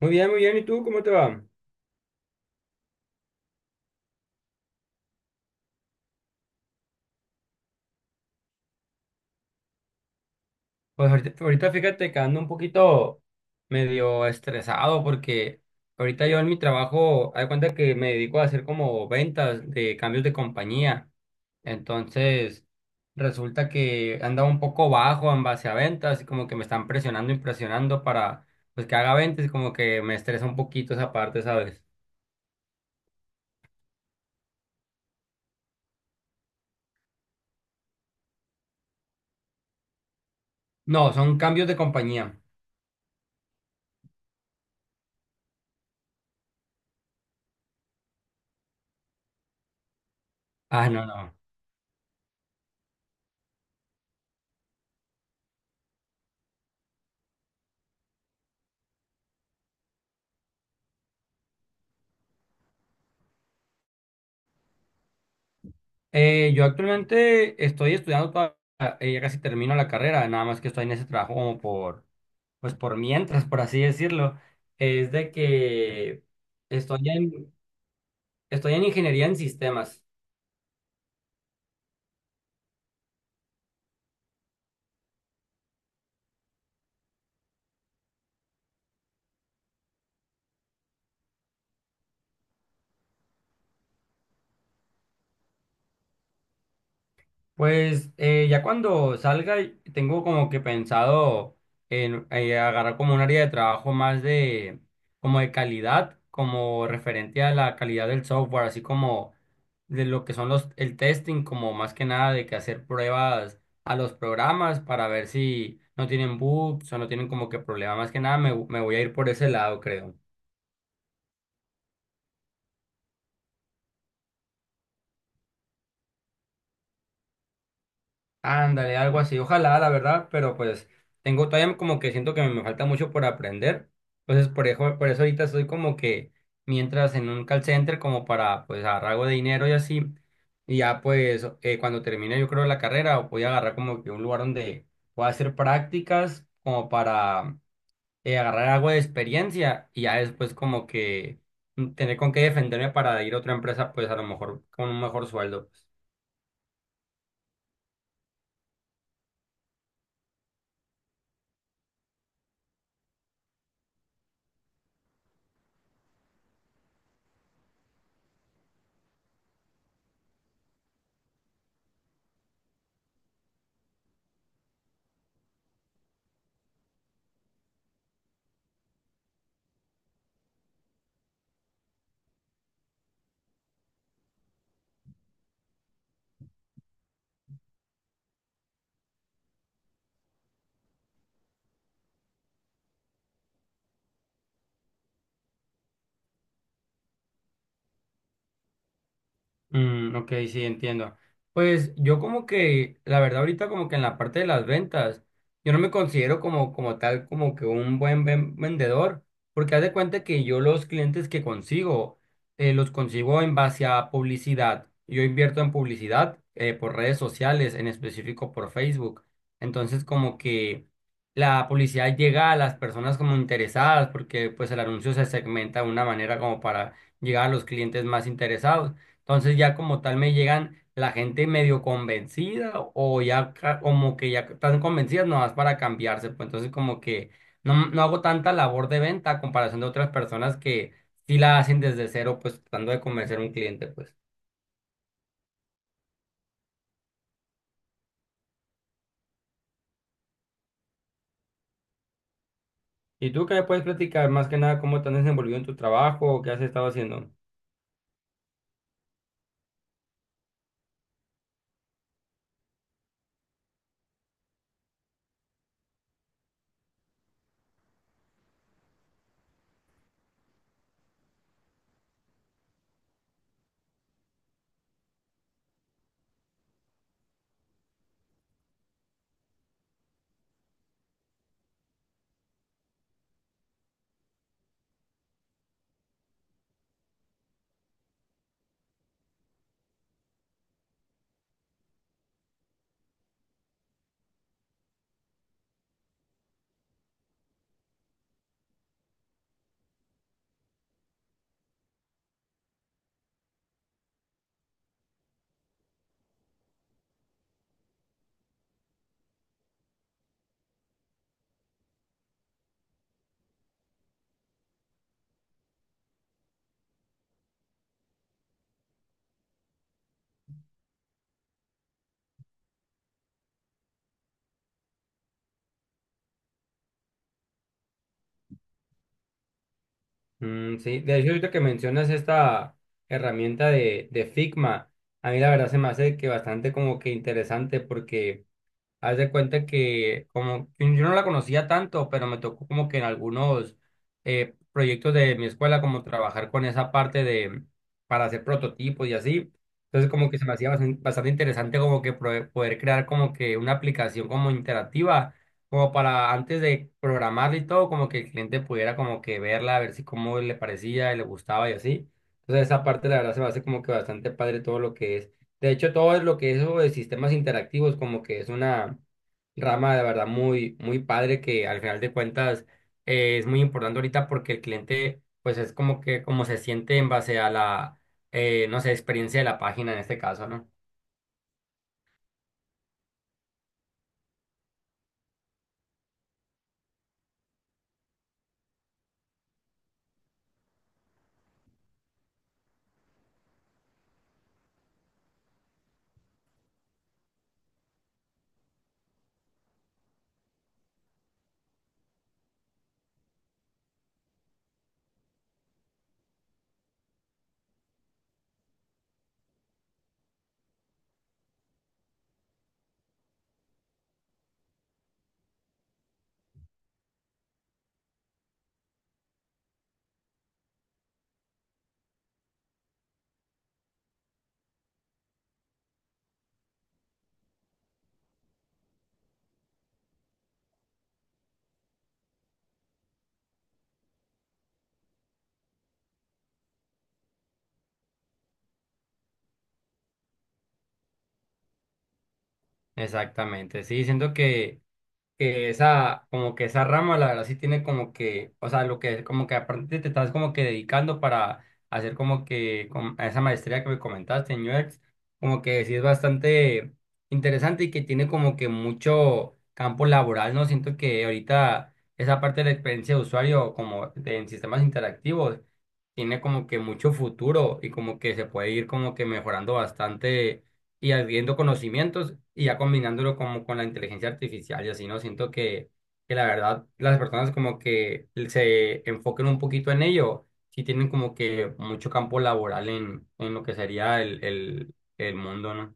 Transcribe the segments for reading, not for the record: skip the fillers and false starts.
Muy bien, muy bien. ¿Y tú cómo te va? Pues ahorita fíjate que ando un poquito medio estresado porque ahorita yo en mi trabajo, hay cuenta que me dedico a hacer como ventas de cambios de compañía. Entonces, resulta que andaba un poco bajo en base a ventas y como que me están presionando y presionando para pues que haga ventas y como que me estresa un poquito esa parte, ¿sabes? No, son cambios de compañía. Ah, no, no. Yo actualmente estoy estudiando todavía, ya casi termino la carrera, nada más que estoy en ese trabajo como por, pues por mientras, por así decirlo. Es de que estoy en, estoy en ingeniería en sistemas. Pues ya cuando salga, y tengo como que pensado en agarrar como un área de trabajo más de, como de calidad, como referente a la calidad del software, así como de lo que son los, el testing, como más que nada de que hacer pruebas a los programas para ver si no tienen bugs o no tienen como que problemas. Más que nada me, me voy a ir por ese lado, creo. Ándale, algo así. Ojalá, la verdad, pero pues tengo todavía como que siento que me falta mucho por aprender. Entonces, por eso ahorita estoy como que mientras en un call center como para pues agarrar algo de dinero y así. Y ya pues cuando termine yo creo la carrera voy a agarrar como que un lugar donde pueda hacer prácticas como para agarrar algo de experiencia y ya después como que tener con qué defenderme para ir a otra empresa pues a lo mejor con un mejor sueldo pues. Mm, ok, sí, entiendo. Pues yo como que, la verdad ahorita como que en la parte de las ventas, yo no me considero como, como tal, como que un buen vendedor, porque haz de cuenta que yo los clientes que consigo, los consigo en base a publicidad. Yo invierto en publicidad por redes sociales, en específico por Facebook. Entonces como que la publicidad llega a las personas como interesadas, porque pues el anuncio se segmenta de una manera como para llegar a los clientes más interesados. Entonces ya como tal me llegan la gente medio convencida o ya como que ya están convencidas nomás para cambiarse. Pues entonces como que no, no hago tanta labor de venta a comparación de otras personas que sí la hacen desde cero, pues tratando de convencer a un cliente, pues. ¿Y tú qué me puedes platicar más que nada cómo te has desenvolvido en tu trabajo o qué has estado haciendo? Mm, sí, de hecho ahorita que mencionas esta herramienta de Figma, a mí la verdad se me hace que bastante como que interesante porque... Haz de cuenta que como yo no la conocía tanto, pero me tocó como que en algunos proyectos de mi escuela como trabajar con esa parte de para hacer prototipos y así. Entonces como que se me hacía bastante, interesante como que poder crear como que una aplicación como interactiva, como para antes de programarla y todo, como que el cliente pudiera como que verla, a ver si cómo le parecía y le gustaba y así. Entonces esa parte la verdad se me hace como que bastante padre todo lo que es. De hecho, todo es lo que es eso de sistemas interactivos, como que es una rama de verdad muy, muy padre que al final de cuentas es muy importante ahorita porque el cliente, pues es como que como se siente en base a la, no sé, experiencia de la página en este caso, ¿no? Exactamente, sí, siento que esa, como que esa rama, la verdad, sí tiene como que, o sea, lo que, como que aparte te estás como que dedicando para hacer como que a esa maestría que me comentaste en UX, como que sí es bastante interesante y que tiene como que mucho campo laboral, ¿no? Siento que ahorita esa parte de la experiencia de usuario, como en sistemas interactivos, tiene como que mucho futuro y como que se puede ir como que mejorando bastante y adquiriendo conocimientos y ya combinándolo como con la inteligencia artificial y así, ¿no? Siento que la verdad las personas como que se enfoquen un poquito en ello, sí tienen como que mucho campo laboral en lo que sería el mundo, ¿no?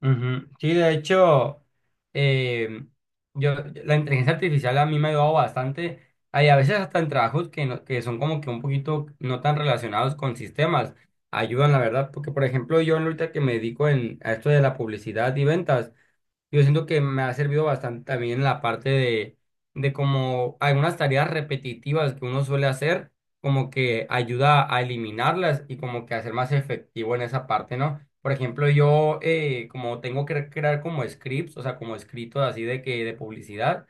Ujú. Sí, de hecho, eh, yo, la inteligencia artificial a mí me ha ayudado bastante. Hay a veces hasta en trabajos que, que son como que un poquito no tan relacionados con sistemas. Ayudan, la verdad, porque por ejemplo yo ahorita que me dedico en, a esto de la publicidad y ventas, yo siento que me ha servido bastante también en la parte de como algunas tareas repetitivas que uno suele hacer, como que ayuda a eliminarlas y como que hacer más efectivo en esa parte, ¿no? Por ejemplo, yo como tengo que crear como scripts, o sea, como escritos así de que de publicidad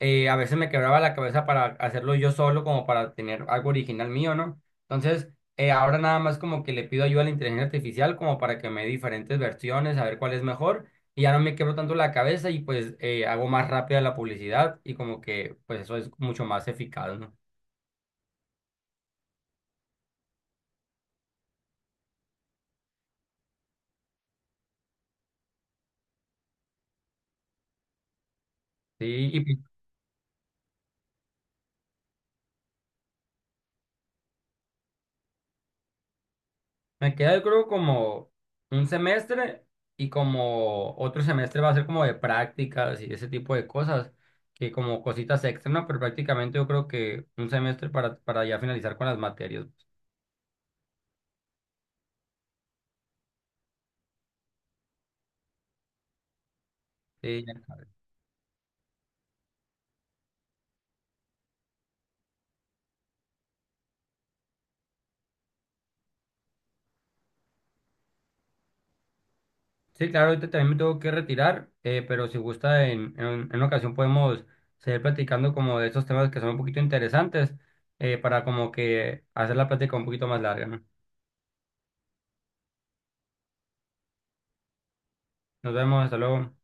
a veces me quebraba la cabeza para hacerlo yo solo, como para tener algo original mío, ¿no? Entonces, ahora nada más como que le pido ayuda a la inteligencia artificial como para que me dé diferentes versiones, a ver cuál es mejor, y ya no me quebro tanto la cabeza y pues hago más rápida la publicidad y como que pues eso es mucho más eficaz, ¿no? Sí. Me queda, yo creo, como un semestre y como otro semestre va a ser como de prácticas y ese tipo de cosas, que como cositas extra, ¿no? Pero prácticamente yo creo que un semestre para ya finalizar con las materias. Sí, ya. Sí, claro, ahorita también me tengo que retirar, pero si gusta, en una ocasión podemos seguir platicando como de esos temas que son un poquito interesantes, para como que hacer la plática un poquito más larga, ¿no? Nos vemos, hasta luego.